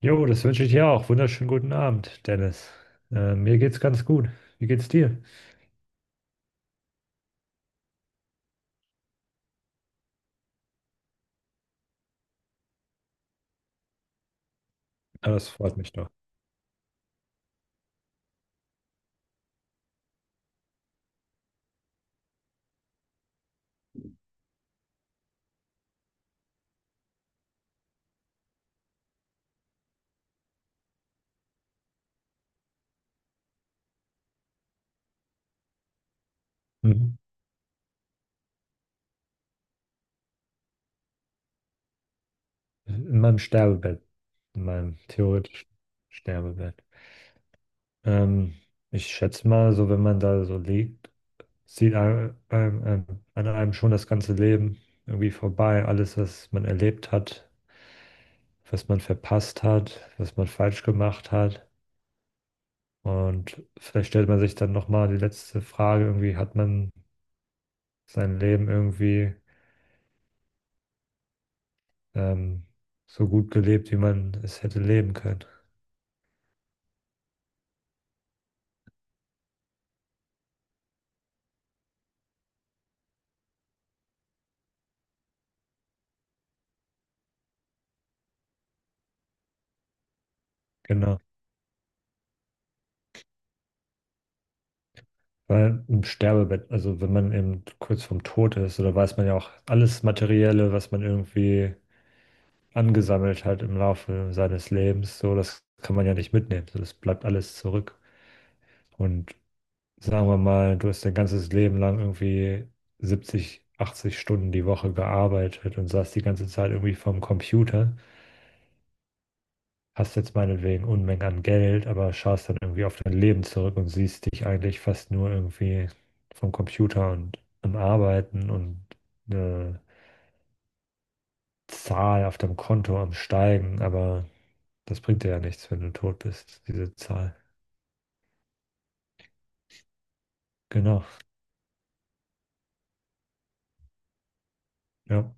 Jo, das wünsche ich dir auch. Wunderschönen guten Abend, Dennis. Mir geht's ganz gut. Wie geht's dir? Ah, das freut mich doch. Mhm. In meinem Sterbebett, in meinem theoretischen Sterbebett. Ähm, Ich schätze mal, so wenn man da so liegt, sieht an einem schon das ganze Leben irgendwie vorbei. Alles, was man erlebt hat, was man verpasst hat, was man falsch gemacht hat. Und vielleicht stellt man sich dann nochmal die letzte Frage, irgendwie hat man sein Leben irgendwie ähm, so gut gelebt, wie man es hätte leben können. Genau. Weil im Sterbebett, also wenn man eben kurz vorm Tod ist, oder weiß man ja auch alles Materielle, was man irgendwie angesammelt hat im Laufe seines Lebens, so das kann man ja nicht mitnehmen. So, das bleibt alles zurück. Und sagen wir mal, du hast dein ganzes Leben lang irgendwie 70, 80 Stunden die Woche gearbeitet und saß die ganze Zeit irgendwie vorm Computer, hast jetzt meinetwegen Unmengen an Geld, aber schaust dann irgendwie auf dein Leben zurück und siehst dich eigentlich fast nur irgendwie vom Computer und am Arbeiten und eine Zahl auf deinem Konto am Steigen, aber das bringt dir ja nichts, wenn du tot bist, diese Zahl. Genau, ja.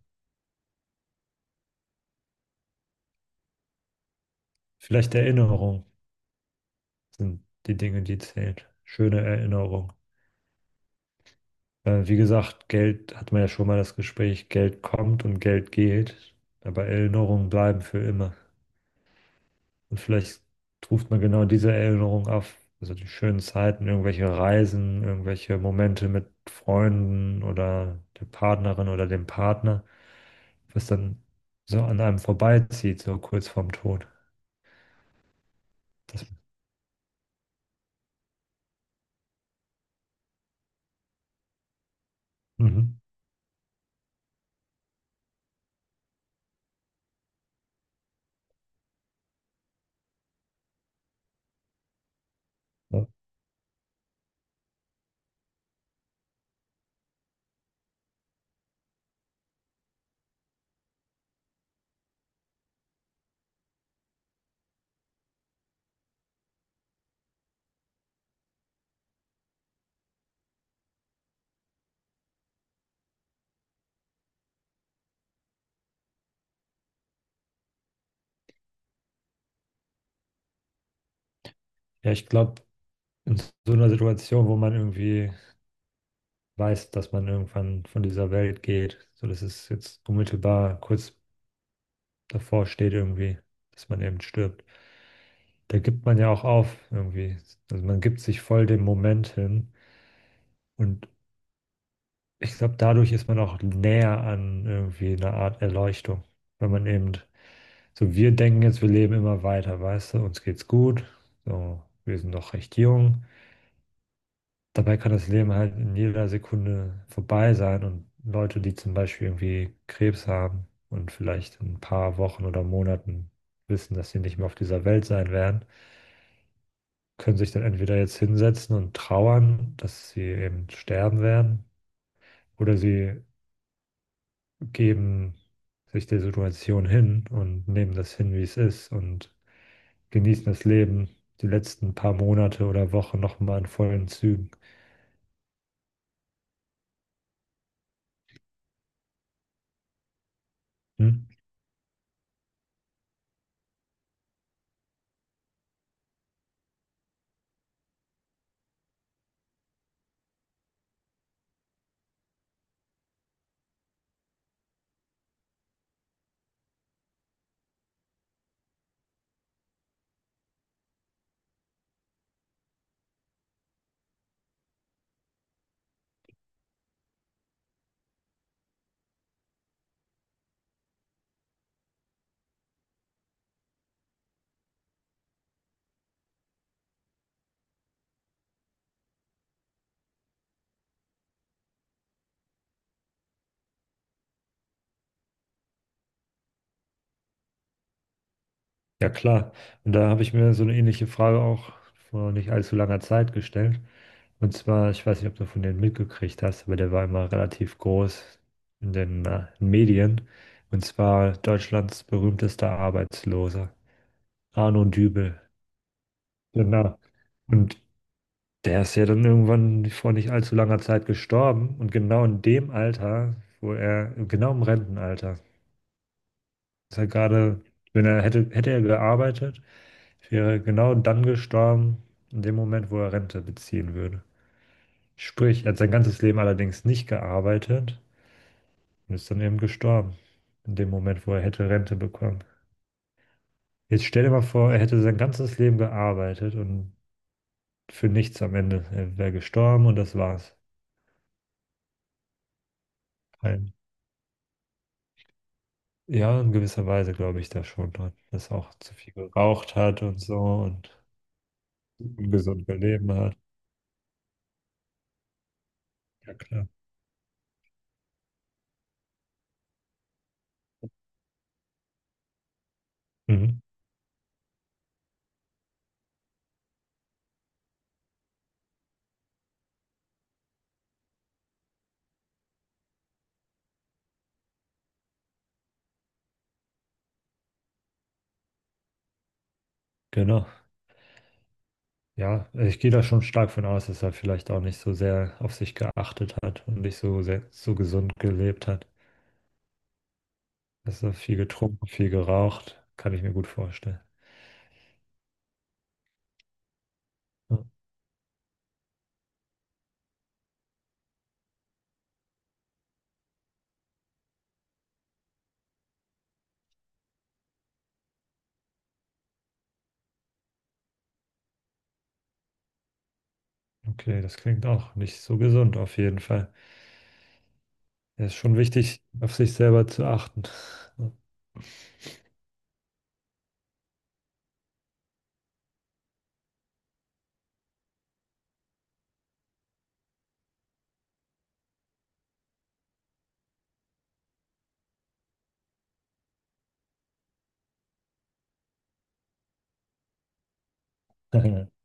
Vielleicht Erinnerung sind die Dinge, die zählen. Schöne Erinnerung. Wie gesagt, Geld hat man ja schon mal das Gespräch, Geld kommt und Geld geht, aber Erinnerungen bleiben für immer. Und vielleicht ruft man genau diese Erinnerung auf, also die schönen Zeiten, irgendwelche Reisen, irgendwelche Momente mit Freunden oder der Partnerin oder dem Partner, was dann so an einem vorbeizieht, so kurz vorm Tod. Das, mhm. Ja, ja, ich glaube, in so einer Situation, wo man irgendwie weiß, dass man irgendwann von dieser Welt geht, so dass es jetzt unmittelbar kurz davor steht irgendwie, dass man eben stirbt. Da gibt man ja auch auf irgendwie. Also man gibt sich voll dem Moment hin. Und ich glaube, dadurch ist man auch näher an irgendwie einer Art Erleuchtung. Wenn man eben, so wir denken jetzt, wir leben immer weiter, weißt du, uns geht's gut, so, wir sind noch recht jung. Dabei kann das Leben halt in jeder Sekunde vorbei sein und Leute, die zum Beispiel irgendwie Krebs haben und vielleicht in ein paar Wochen oder Monaten wissen, dass sie nicht mehr auf dieser Welt sein werden, können sich dann entweder jetzt hinsetzen und trauern, dass sie eben sterben werden, oder sie geben sich der Situation hin und nehmen das hin, wie es ist und genießen das Leben die letzten paar Monate oder Wochen nochmal in vollen Zügen. Hm? Ja, klar. Und da habe ich mir so eine ähnliche Frage auch vor nicht allzu langer Zeit gestellt. Und zwar, ich weiß nicht, ob du von denen mitgekriegt hast, aber der war immer relativ groß in den Medien. Und zwar Deutschlands berühmtester Arbeitsloser, Arno Dübel. Genau. Und der ist ja dann irgendwann vor nicht allzu langer Zeit gestorben. Und genau in dem Alter, wo er, genau im Rentenalter, ist er gerade, wenn er hätte, hätte er gearbeitet, wäre er genau dann gestorben, in dem Moment, wo er Rente beziehen würde. Sprich, er hat sein ganzes Leben allerdings nicht gearbeitet und ist dann eben gestorben, in dem Moment, wo er hätte Rente bekommen. Jetzt stell dir mal vor, er hätte sein ganzes Leben gearbeitet und für nichts am Ende. Er wäre gestorben und das war's. Ein, ja, in gewisser Weise glaube ich da schon dran, dass er auch zu viel geraucht hat und so und ungesund gelebt hat. Ja, klar. Mhm. Genau. Ja, also ich gehe da schon stark von aus, dass er vielleicht auch nicht so sehr auf sich geachtet hat und nicht so sehr, so gesund gelebt hat. Dass er viel getrunken, viel geraucht, kann ich mir gut vorstellen. Ja. Okay, das klingt auch nicht so gesund auf jeden Fall. Es ist schon wichtig, auf sich selber zu achten. Ja.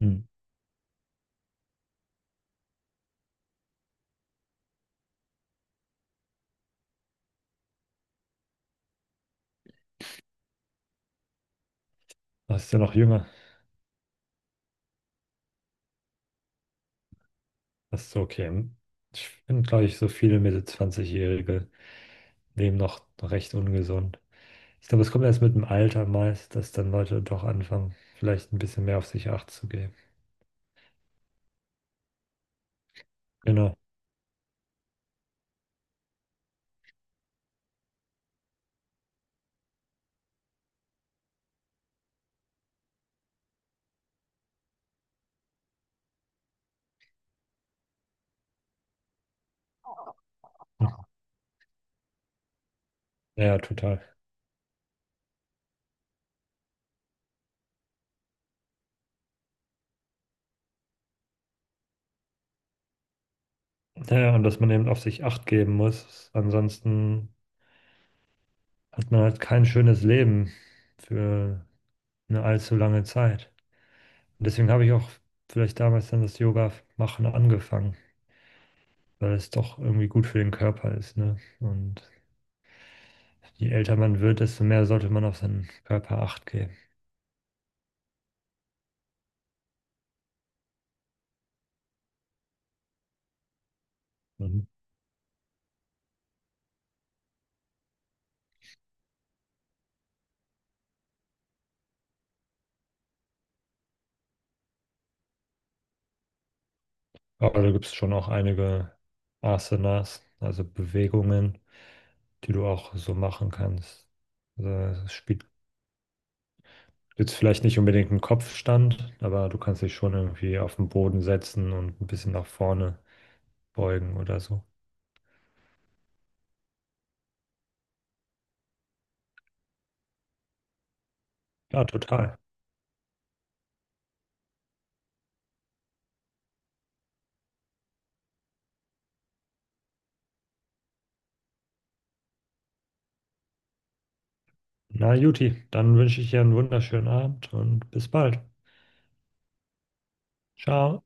Hm. Du bist ja noch jünger. Das ist okay. Ich finde, glaube ich, so viele Mitte 20-Jährige leben noch recht ungesund. Ich glaube, es kommt erst mit dem Alter meist, dass dann Leute doch anfangen, vielleicht ein bisschen mehr auf sich Acht zu geben. Genau. Ja, ja, total. Ja, ja, und dass man eben auf sich Acht geben muss. Ansonsten hat man halt kein schönes Leben für eine allzu lange Zeit. Und deswegen habe ich auch vielleicht damals dann das Yoga machen angefangen, weil es doch irgendwie gut für den Körper ist, ne? Und je älter man wird, desto mehr sollte man auf seinen Körper Acht geben. Und Aber da gibt es schon auch einige Asanas, also Bewegungen, die du auch so machen kannst. Also es spielt jetzt vielleicht nicht unbedingt einen Kopfstand, aber du kannst dich schon irgendwie auf den Boden setzen und ein bisschen nach vorne beugen oder so. Ja, total. Na, Juti, dann wünsche ich dir einen wunderschönen Abend und bis bald. Ciao.